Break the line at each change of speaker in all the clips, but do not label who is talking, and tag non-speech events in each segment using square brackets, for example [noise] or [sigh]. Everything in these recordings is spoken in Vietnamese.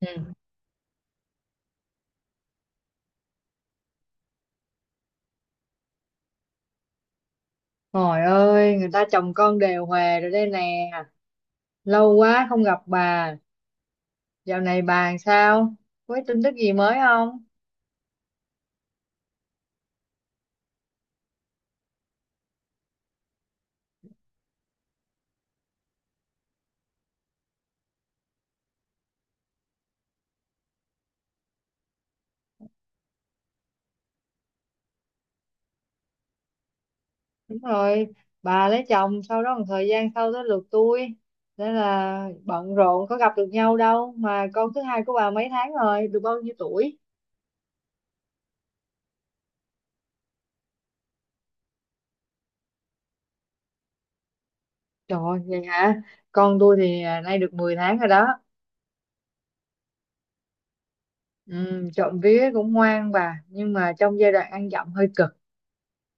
Ừ. Trời ơi, người ta chồng con đều hòa rồi đây nè. Lâu quá không gặp bà. Dạo này bà làm sao? Có cái tin tức gì mới không? Đúng rồi, bà lấy chồng sau đó một thời gian sau tới lượt tôi. Nên là bận rộn có gặp được nhau đâu. Mà con thứ hai của bà mấy tháng rồi, được bao nhiêu tuổi? Trời ơi, vậy hả? Con tôi thì nay được 10 tháng rồi đó. Ừ, trộm vía cũng ngoan bà. Nhưng mà trong giai đoạn ăn dặm hơi cực.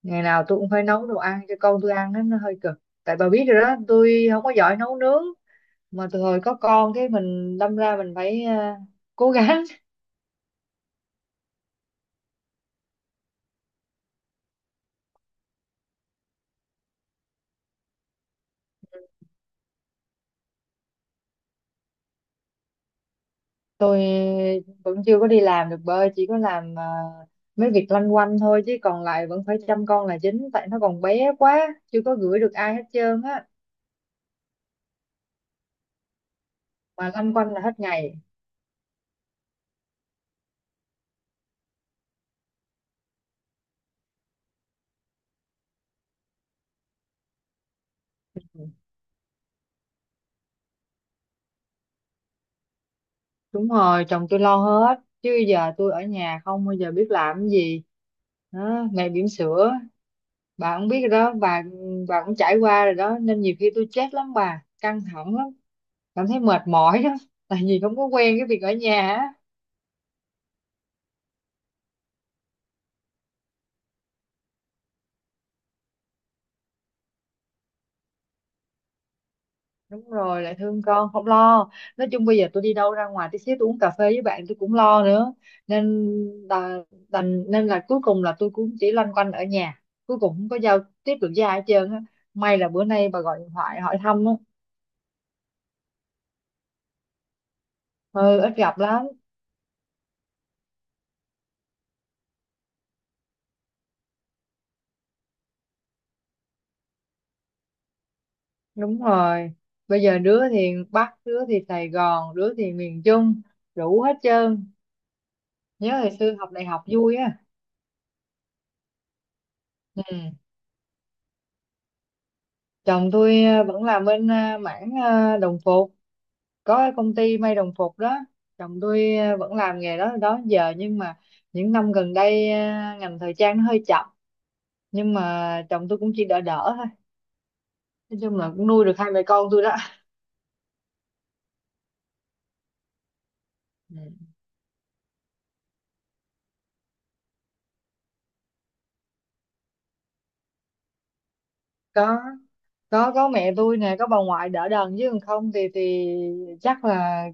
Ngày nào tôi cũng phải nấu đồ ăn cho con tôi ăn đó, nó hơi cực. Tại bà biết rồi đó tôi không có giỏi nấu nướng. Mà từ hồi có con cái mình đâm ra mình phải cố gắng. [laughs] Tôi vẫn chưa có đi làm được bơi, chỉ có làm mấy việc loanh quanh thôi, chứ còn lại vẫn phải chăm con là chính, tại nó còn bé quá chưa có gửi được ai hết trơn á. Mà loanh quanh là hết ngày. Đúng rồi, chồng tôi lo hết chứ giờ tôi ở nhà không bao giờ biết làm cái gì đó, ngày bỉm sữa bà cũng biết rồi đó, bà cũng trải qua rồi đó, nên nhiều khi tôi stress lắm bà, căng thẳng lắm, cảm thấy mệt mỏi đó. [laughs] Tại vì không có quen cái việc ở nhà á. Đúng rồi, lại thương con không lo. Nói chung bây giờ tôi đi đâu ra ngoài tí xíu, tôi uống cà phê với bạn tôi cũng lo nữa, nên là đành, nên là cuối cùng là tôi cũng chỉ loanh quanh ở nhà, cuối cùng không có giao tiếp được với ai hết trơn á. May là bữa nay bà gọi điện thoại hỏi thăm á. Ừ, ít gặp lắm. Đúng rồi. Bây giờ đứa thì Bắc, đứa thì Sài Gòn, đứa thì miền Trung, đủ hết trơn. Nhớ hồi xưa học đại học vui á. Ừ. Chồng tôi vẫn làm bên mảng đồng phục, có cái công ty may đồng phục đó. Chồng tôi vẫn làm nghề đó đó giờ, nhưng mà những năm gần đây ngành thời trang nó hơi chậm. Nhưng mà chồng tôi cũng chỉ đỡ đỡ thôi. Nói chung là cũng nuôi được hai mẹ con tôi đó. Ừ. Có. Có mẹ tôi nè, có bà ngoại đỡ đần chứ còn không thì chắc là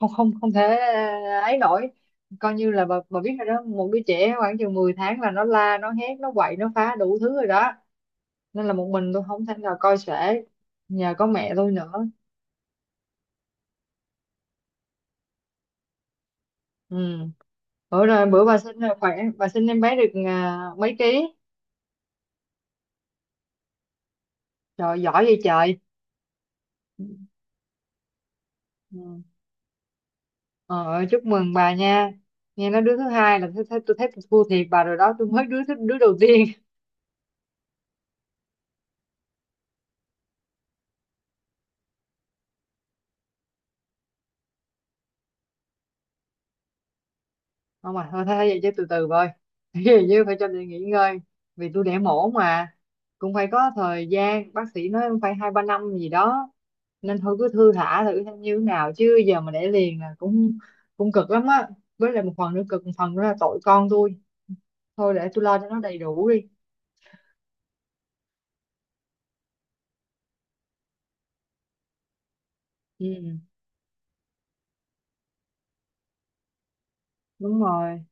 không không không thể ấy nổi. Coi như là bà biết rồi đó, một đứa trẻ khoảng chừng 10 tháng là nó la nó hét nó quậy nó phá đủ thứ rồi đó, nên là một mình tôi không thể nào coi sể, nhờ có mẹ tôi nữa. Ừ, bữa rồi, bữa bà sinh là khỏe, bà sinh em bé được mấy ký? Trời giỏi vậy trời. Ừ. Ờ, chúc mừng bà nha. Nghe nói đứa thứ hai là tôi thấy, tôi thua thiệt bà rồi đó, tôi mới đứa đầu tiên. Không, mà thôi thế vậy chứ từ từ thôi. [laughs] Ví như phải cho tôi nghỉ ngơi vì tôi đẻ mổ mà, cũng phải có thời gian, bác sĩ nói cũng phải 2-3 năm gì đó. Nên thôi cứ thư thả thử xem như thế nào, chứ giờ mà đẻ liền là cũng cũng cực lắm á. Với lại một phần nữa cực, một phần nữa là tội con tôi. Thôi để tôi lo cho nó đầy đủ đi. Ừ, đúng rồi.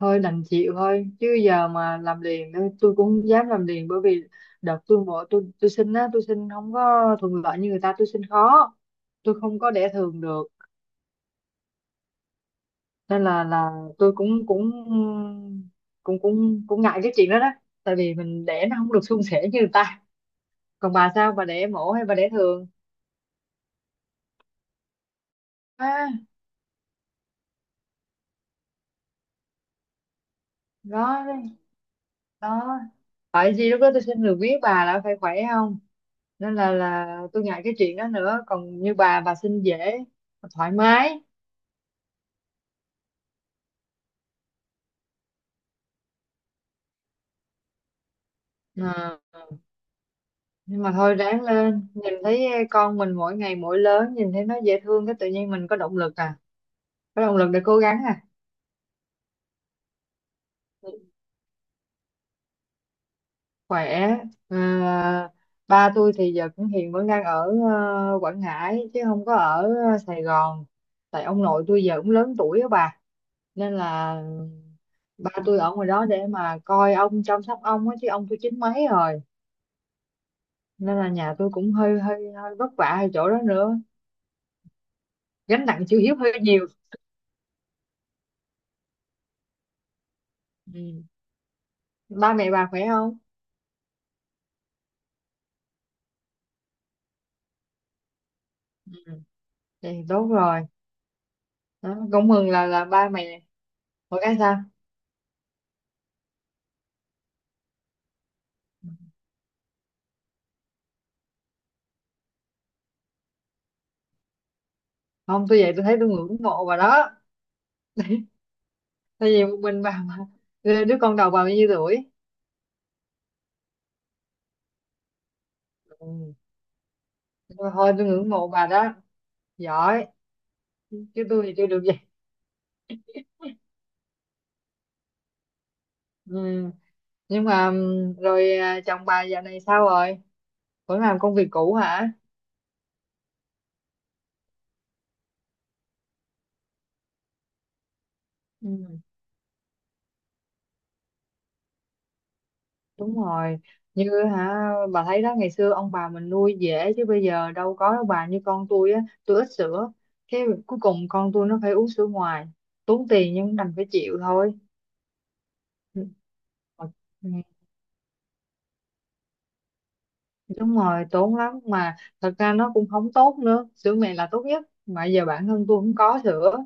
Thôi đành chịu thôi, chứ giờ mà làm liền nữa tôi cũng không dám làm liền, bởi vì đợt tôi bỏ, tôi xin á, tôi xin không có thuận lợi như người ta, tôi xin khó, tôi không có đẻ thường được. Nên là tôi cũng cũng cũng cũng cũng ngại cái chuyện đó đó, tại vì mình đẻ nó không được suôn sẻ như người ta. Còn bà sao, bà đẻ mổ hay bà đẻ thường? À, đó đấy, đó phải gì lúc đó tôi xin được biết bà là phải khỏe không. Nên là tôi ngại cái chuyện đó nữa, còn như bà xin dễ, thoải mái. À, nhưng mà thôi ráng lên, nhìn thấy con mình mỗi ngày mỗi lớn, nhìn thấy nó dễ thương cái tự nhiên mình có động lực à, có động lực để cố gắng à. Khỏe. À, ba tôi thì giờ cũng hiện vẫn đang ở Quảng Ngãi chứ không có ở Sài Gòn, tại ông nội tôi giờ cũng lớn tuổi á bà, nên là ba tôi ở ngoài đó để mà coi ông, chăm sóc ông á, chứ ông tôi chín mấy rồi. Nên là nhà tôi cũng hơi hơi hơi vất vả ở chỗ đó nữa, gánh nặng chữ hiếu hơi nhiều. Ừ. Ba mẹ bà khỏe không? Thì tốt rồi đó, cũng mừng là ba mày một cái sao. Không, tôi vậy, tôi thấy tôi ngưỡng mộ bà đó, tại vì một mình bà mà. Đứa con đầu bà bao nhiêu tuổi? Ừ. Nhưng mà thôi, tôi ngưỡng mộ bà đó, giỏi, chứ tôi thì chưa được vậy. Ừ. Nhưng mà rồi chồng bà dạo này sao rồi, vẫn làm công việc cũ hả? Ừ. Đúng rồi. Như hả, bà thấy đó, ngày xưa ông bà mình nuôi dễ chứ bây giờ đâu có đâu bà, như con tôi á, tôi ít sữa, cái cuối cùng con tôi nó phải uống sữa ngoài, tốn tiền nhưng đành phải chịu thôi. Ừ, đúng rồi, tốn lắm mà, thật ra nó cũng không tốt nữa, sữa mẹ là tốt nhất, mà giờ bản thân tôi không có sữa,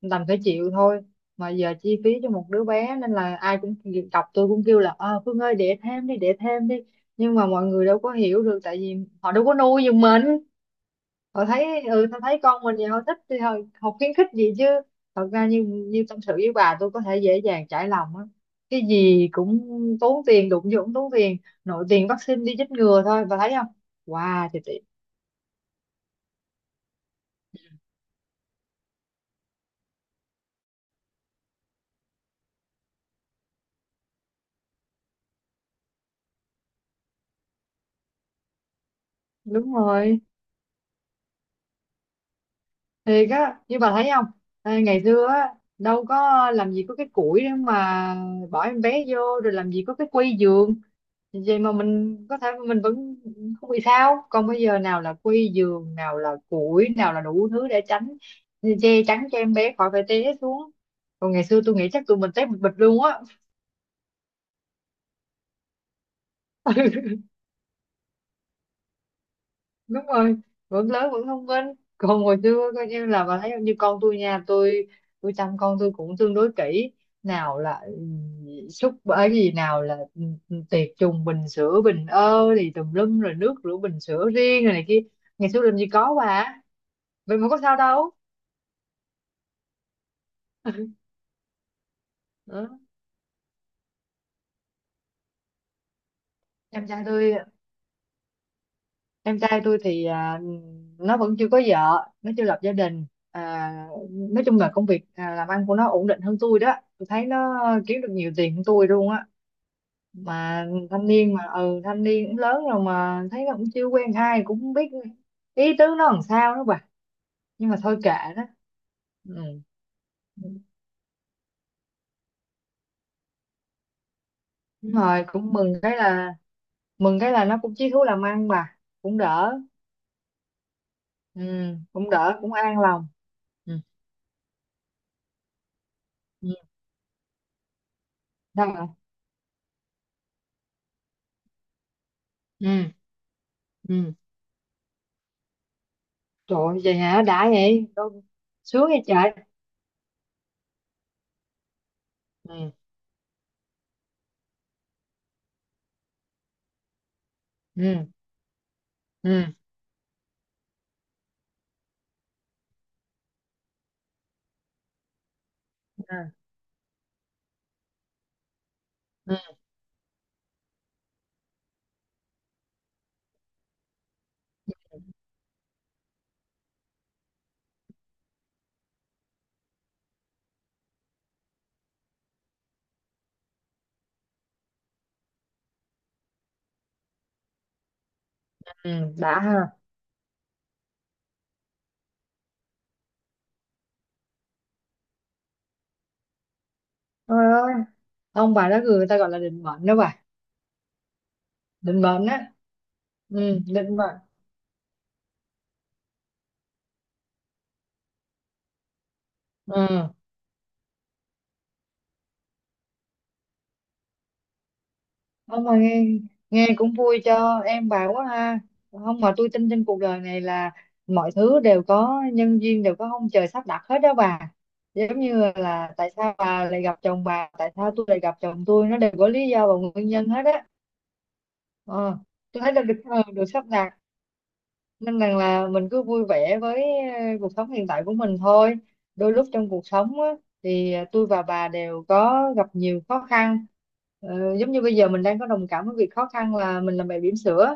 đành phải chịu thôi. Mà giờ chi phí cho một đứa bé nên là ai cũng đọc, tôi cũng kêu là Phương ơi đẻ thêm đi, đẻ thêm đi, nhưng mà mọi người đâu có hiểu được, tại vì họ đâu có nuôi giùm mình, họ thấy ừ tao thấy con mình vậy họ thích thì họ khuyến khích gì chứ. Thật ra như như tâm sự với bà tôi có thể dễ dàng trải lòng á, cái gì cũng tốn tiền, đụng vô cũng tốn tiền, nội tiền vaccine đi chích ngừa thôi bà thấy không, wow thì, đúng rồi. Thiệt á, như bà thấy không, à, ngày xưa á đâu có, làm gì có cái củi để mà bỏ em bé vô, rồi làm gì có cái quy giường, vậy mà mình có thể mình vẫn không bị sao, còn bây giờ nào là quy giường nào là củi nào là đủ thứ để tránh, che chắn cho em bé khỏi phải té xuống. Còn ngày xưa tôi nghĩ chắc tụi mình té bịch bịch luôn á. Đúng rồi, vẫn lớn vẫn thông minh. Còn hồi xưa coi như là, bà thấy không? Như con tôi nha, tôi chăm con tôi cũng tương đối kỹ, nào là súc bởi gì, nào là tiệt trùng bình sữa, bình thì tùm lum, rồi nước rửa bình sữa riêng rồi này kia. Ngày xưa làm gì có bà, vậy mà có sao đâu. Ừ. em trai tôi em trai tôi thì nó vẫn chưa có vợ, nó chưa lập gia đình. À, nói chung là công việc làm ăn của nó ổn định hơn tôi đó, tôi thấy nó kiếm được nhiều tiền hơn tôi luôn á. Mà thanh niên mà, ừ, thanh niên cũng lớn rồi mà thấy nó cũng chưa quen ai, cũng không biết ý tứ nó làm sao đó bà. Nhưng mà thôi kệ đó. Ừ. Đúng rồi, cũng mừng cái là nó cũng chí thú làm ăn bà, cũng đỡ. Ừ. Cũng đỡ, cũng an lòng. Ừ. Ừ. Sao vậy? Ừ. Ừ. Trời ơi, vậy hả, đã vậy. Đâu. Sướng vậy trời. Ừ. Ừ. Ừ. Ừ. Ừ. Ừ, đã ha. Ôi ơi, ông bà đó người ta gọi là định mệnh đó bà, định mệnh á. Ừ, định mệnh. Ừ. Không mà nghe nghe cũng vui cho em bà quá ha. Không mà tôi tin trên cuộc đời này là mọi thứ đều có nhân duyên, đều có ông trời sắp đặt hết đó bà. Giống như là tại sao bà lại gặp chồng bà, tại sao tôi lại gặp chồng tôi, nó đều có lý do và nguyên nhân hết á. ờ, tôi thấy là được được sắp đặt, nên rằng là mình cứ vui vẻ với cuộc sống hiện tại của mình thôi. Đôi lúc trong cuộc sống á, thì tôi và bà đều có gặp nhiều khó khăn. Giống như bây giờ mình đang có đồng cảm với việc khó khăn là mình làm mẹ bỉm sữa.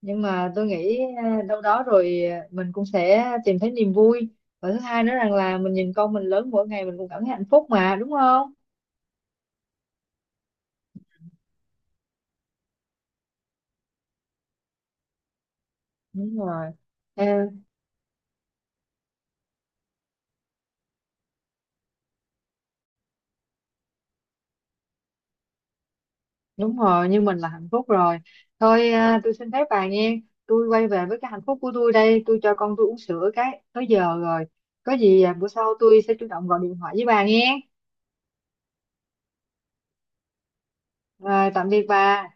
Nhưng mà tôi nghĩ đâu đó rồi mình cũng sẽ tìm thấy niềm vui, và thứ hai nữa rằng là mình nhìn con mình lớn mỗi ngày, mình cũng cảm thấy hạnh phúc mà đúng không. Đúng rồi. Ờ, Đúng rồi, nhưng mình là hạnh phúc rồi. Thôi tôi xin phép bà nghe. Tôi quay về với cái hạnh phúc của tôi đây. Tôi cho con tôi uống sữa cái tới giờ rồi. Có gì bữa sau tôi sẽ chủ động gọi điện thoại với bà nghe. Rồi, tạm biệt bà.